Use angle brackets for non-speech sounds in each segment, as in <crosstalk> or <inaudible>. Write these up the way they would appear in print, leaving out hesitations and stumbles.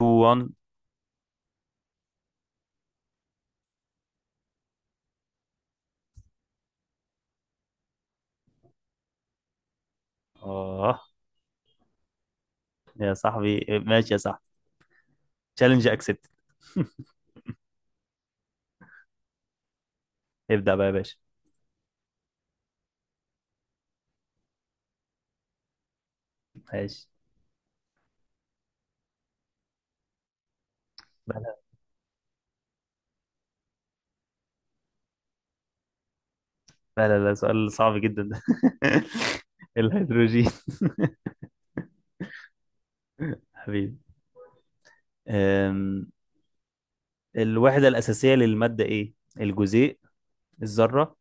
2 1 اه، يا صاحبي ماشي يا صاحبي، تشالنج اكسبت. <laughs> ابدأ بقى يا باشا. ماشي. لا لا لا لا، سؤال صعب جدا ده. <laughs> الهيدروجين. <laughs> حبيبي. أم، الوحدة الأساسية للمادة إيه؟ الجزيء، الذرة،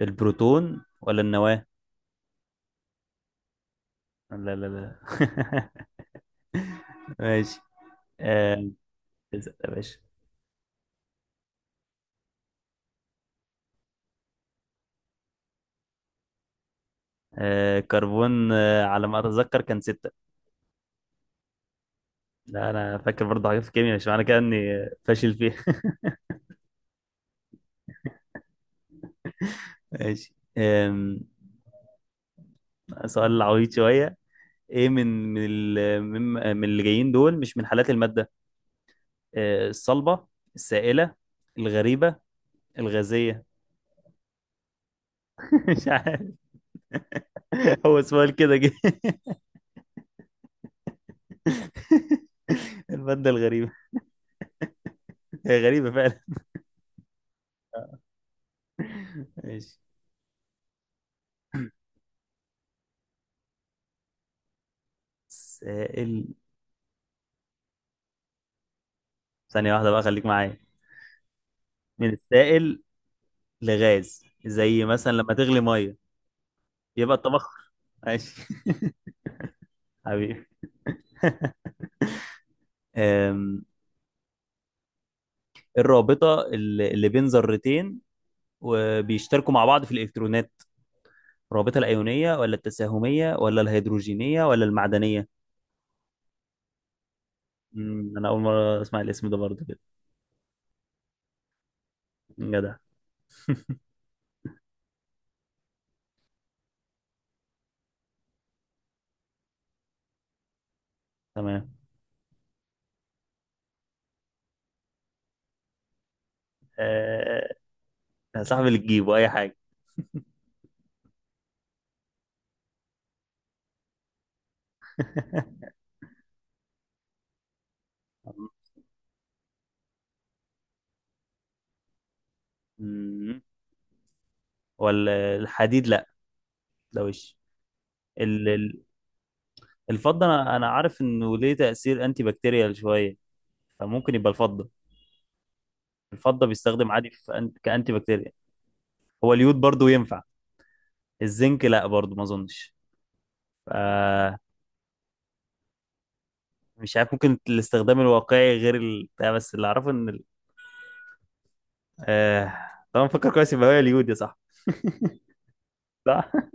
البروتون ولا النواة؟ لا لا لا. <laughs> ماشي. أم، ستة يا باشا. كربون، على ما أتذكر كان ستة. لا، أنا فاكر برضه حاجات في الكيمياء، مش معنى كده إني فاشل فيها. ماشي. سؤال عويض شوية. ايه من من ال- من من اللي جايين دول مش من حالات المادة؟ الصلبة، السائلة، الغريبة، الغازية. <laughs> مش عارف، هو سؤال كده جه. <laughs> المادة الغريبة، هي غريبة فعلا. ماشي. سائل، ثانية واحدة بقى خليك معايا. من السائل لغاز، زي مثلا لما تغلي مية يبقى الطبخ. ماشي. <laughs> حبيبي. أم، الرابطة اللي بين ذرتين وبيشتركوا مع بعض في الإلكترونات، الرابطة الأيونية ولا التساهمية ولا الهيدروجينية ولا المعدنية؟ أنا أول مرة أسمع الاسم ده برضه كده. جدع. <laughs> تمام. آه، يا صاحبي اللي تجيبه أي حاجة. <laughs> مم، ولا الحديد لا. ده وش ال- ال- الفضة، أنا عارف إنه ليه تأثير أنتي بكتيريال شوية، فممكن يبقى الفضة. الفضة بيستخدم عادي في كأنتي بكتيريال. هو اليود برضه ينفع، الزنك لا برضه ما أظنش. آه، مش عارف، ممكن الاستخدام الواقعي غير بتاع، بس اللي اعرفه ان آه... طبعا فكر كويس، يبقى هي اليود يا صح. <laughs> صح.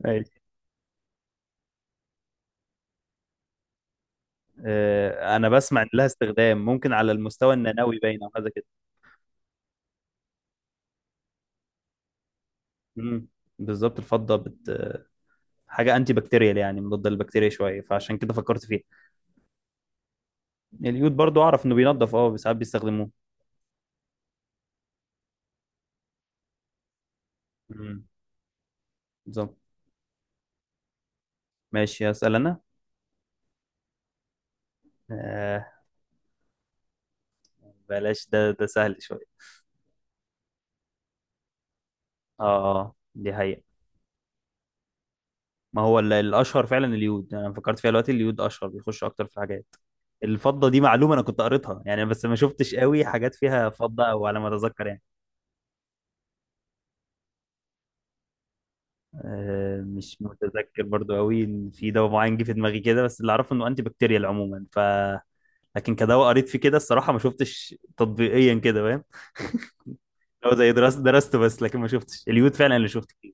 ماشي. انا بسمع ان لها استخدام ممكن على المستوى النانوي باين او حاجه كده. مم. بالظبط، الفضه حاجه انتي بكتيريال يعني مضاده للبكتيريا شويه، فعشان كده فكرت فيها. اليود برضو اعرف انه بينضف، ساعات بيستخدموه. مم. بالظبط. ماشي هسأل انا. آه... بلاش، ده سهل شويه. اه، دي حقيقة. ما هو الاشهر فعلا اليود يعني، انا فكرت فيها دلوقتي، اليود اشهر بيخش اكتر في الحاجات. الفضه دي معلومه انا كنت قريتها يعني، بس ما شفتش قوي حاجات فيها فضه، او على ما اتذكر يعني. مش متذكر برضو قوي ان في دواء معين جه في دماغي كده، بس اللي اعرفه انه انتي بكتيريال عموما لكن كدواء قريت فيه كده، الصراحه ما شفتش تطبيقيا كده، فاهم. <laughs> هو زي درسته بس، لكن ما شفتش اليود فعلا اللي شفت فيه.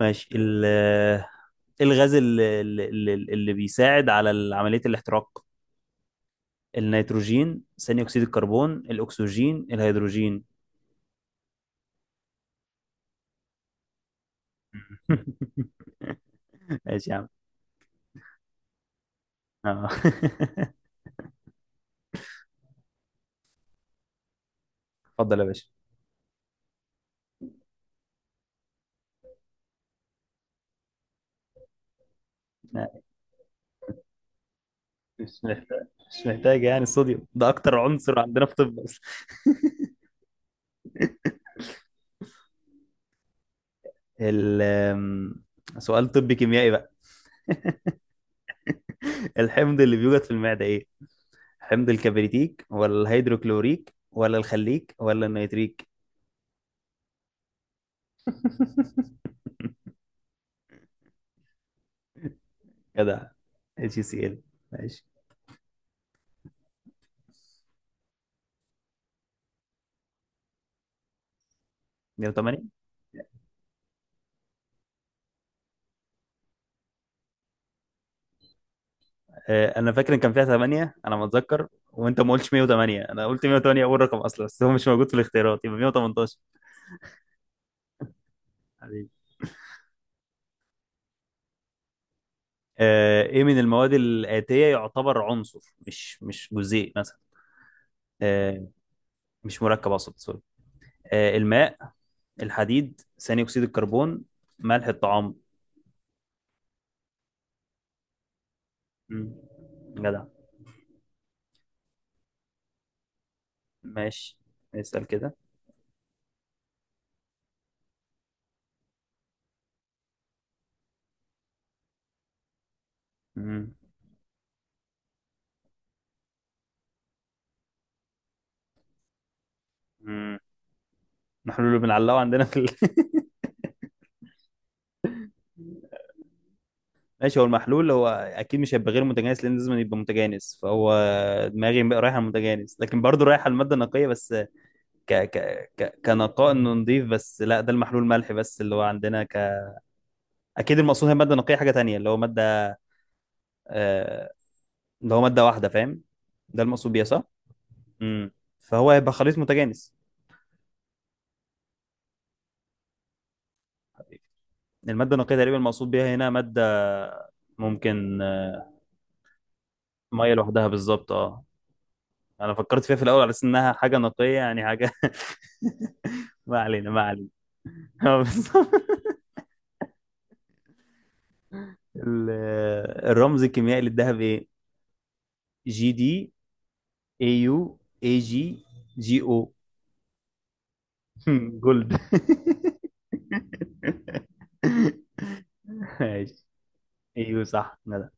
ماشي الغاز اللي بيساعد على عمليه الاحتراق، النيتروجين، ثاني اكسيد الكربون، الاكسجين، الهيدروجين. <laughs> ماشي يا عم. آه. <laughs> اتفضل يا باشا. لا، مش محتاج يعني، الصوديوم ده اكتر عنصر عندنا في طب اصلا. ال آم، سؤال طبي كيميائي بقى. <laughs> الحمض اللي بيوجد في المعدة ايه؟ حمض الكبريتيك ولا الهيدروكلوريك ولا الخليك ولا النيتريك؟ كده، اتش سي ال. ماشي. 108. انا فاكر ان كان فيها 8، انا ما اتذكر وانت ما قلتش 108، انا قلت 108 اول رقم اصلا، بس هو مش موجود في الاختيارات يبقى 118. حبيبي. ايه من المواد الآتية يعتبر عنصر، مش جزيء مثلا؟ آه، مش مركب اقصد، سوري. الماء، الحديد، ثاني اكسيد الكربون، ملح الطعام. مم. جدع. ماشي، اسأل كده. مم. مم. نحن اللي بنعلقه عندنا في <laughs> ماشي. هو المحلول هو اكيد مش هيبقى غير متجانس، لان لازم يبقى متجانس، فهو دماغي بقى رايحه على المتجانس، لكن برضه رايحه على الماده النقيه بس. ك ك ك كنقاء، انه نضيف بس، لا ده المحلول ملح بس اللي هو عندنا. اكيد المقصود هي ماده نقيه، حاجه تانية اللي هو ماده، آه اللي هو ماده واحده فاهم، ده المقصود بيها صح؟ امم فهو هيبقى خليط متجانس. الماده النقيه تقريبا المقصود بيها هنا ماده ممكن. ميه لوحدها، بالظبط اه. انا فكرت فيها في الاول على اساس انها حاجه نقيه يعني حاجه. <laughs> ما علينا ما علينا. <laughs> اه، بالظبط. ال- الرمز الكيميائي للذهب ايه؟ جي دي، اي يو، اي جي، جي او. <laughs> جولد. ماشي. ايوه صح ندى.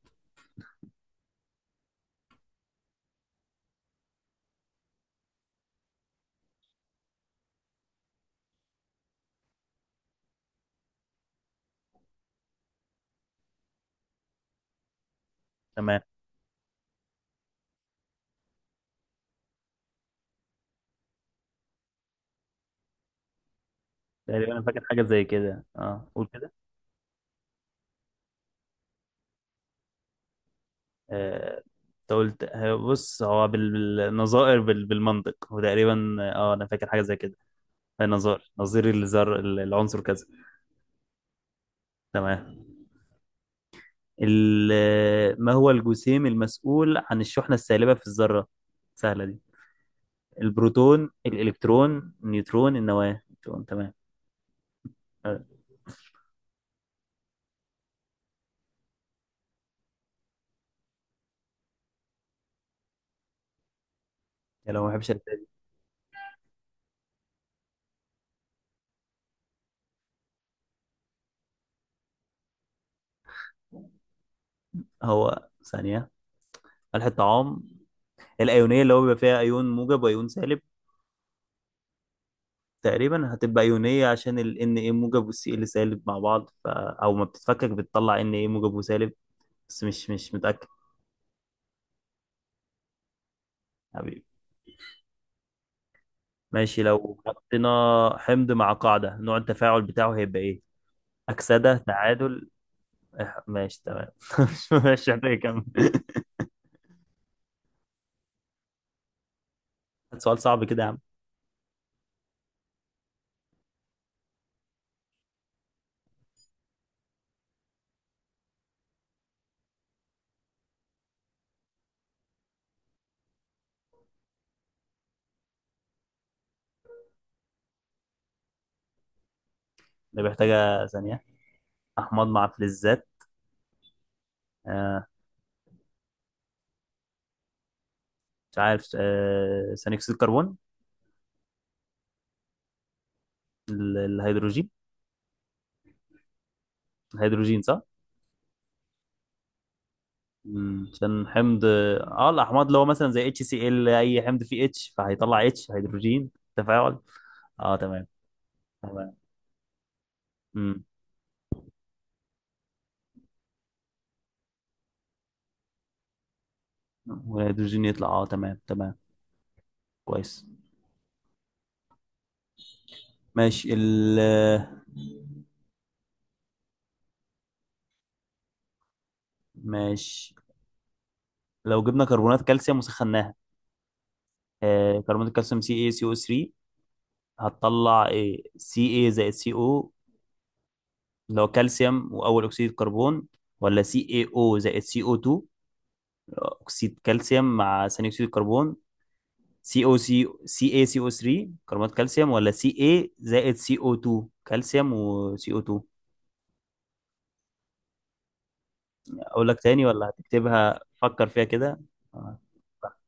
تمام. تقريبا انا فاكر حاجه زي كده، قول كده. آه، انت قلت، بص هو بالنظائر، بالمنطق وتقريبا، انا فاكر حاجه زي كده. نظائر، نظير الذر العنصر كذا. تمام. ما هو الجسيم المسؤول عن الشحنة السالبة في الذرة؟ سهلة دي. البروتون، الإلكترون، النيوترون، النواة، النيوترون. تمام. أه، يا لو ما بحبش الأسئلة دي. هو ثانية، الحطام، الأيونية اللي هو بيبقى فيها أيون موجب وأيون سالب. تقريبا هتبقى أيونية، عشان ال ان ايه موجب وال سي ال سالب مع بعض، أو ما بتتفكك بتطلع ان ايه موجب وسالب، بس مش متأكد. حبيبي. ماشي، لو حطينا حمض مع قاعدة، نوع التفاعل بتاعه هيبقى ايه؟ أكسدة، تعادل. <laughs> ماشي تمام. <laughs> مش محتاج اكمل. <laughs> سؤال صعب كده يا عم. ده محتاجة ثانية، أحماض مع فلزات. آه مش عارف، ثاني أكسيد الكربون، الهيدروجين. الهيدروجين صح؟ عشان حمض، اه الأحماض اللي هو مثلا زي اتش سي ال، أي حمض فيه اتش فهيطلع اتش هيدروجين تفاعل. اه، تمام تمام. امم والهيدروجين يطلع، اه تمام تمام. كويس. ماشي ال ماشي، لو جبنا كربونات كالسيوم وسخناها، كربونات الكالسيوم سي اي سي او 3، هتطلع ايه؟ سي اي زائد سي او، اللي هو كالسيوم واول اكسيد الكربون، ولا سي اي او زائد سي او 2، اكسيد كالسيوم مع ثاني اكسيد الكربون؟ سي او سي، سي اي سي او 3 كربونات كالسيوم، ولا سي اي زائد سي او 2 كالسيوم وسي او 2؟ اقول لك تاني ولا هتكتبها؟ فكر فيها كده. آه، صح.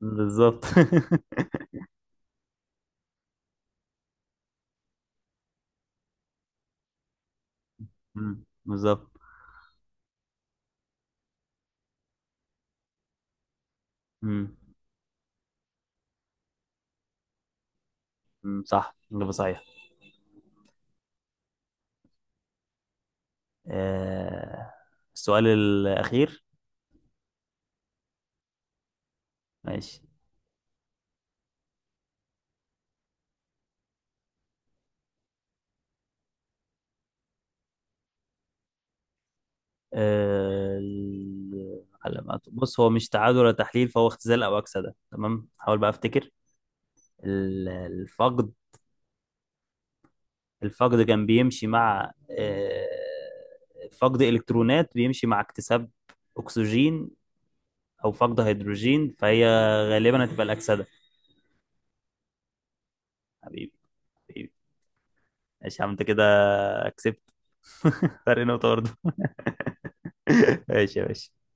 بالظبط. <laughs> بالظبط. مم، صح، إجابة صحيحة. آه، السؤال الأخير. ماشي. آه، العلامات بص، هو مش تعادل ولا تحليل، فهو اختزال او اكسده. تمام، حاول بقى افتكر. الفقد، الفقد كان بيمشي مع، آه، فقد الكترونات بيمشي مع اكتساب اكسجين او فقد هيدروجين، فهي غالبا هتبقى الاكسده. حبيبي حبيبي. ماشي يا عم، انت كده كسبت. <laughs> فرق نقطه برضه. <laughs> ماشي يا باشا.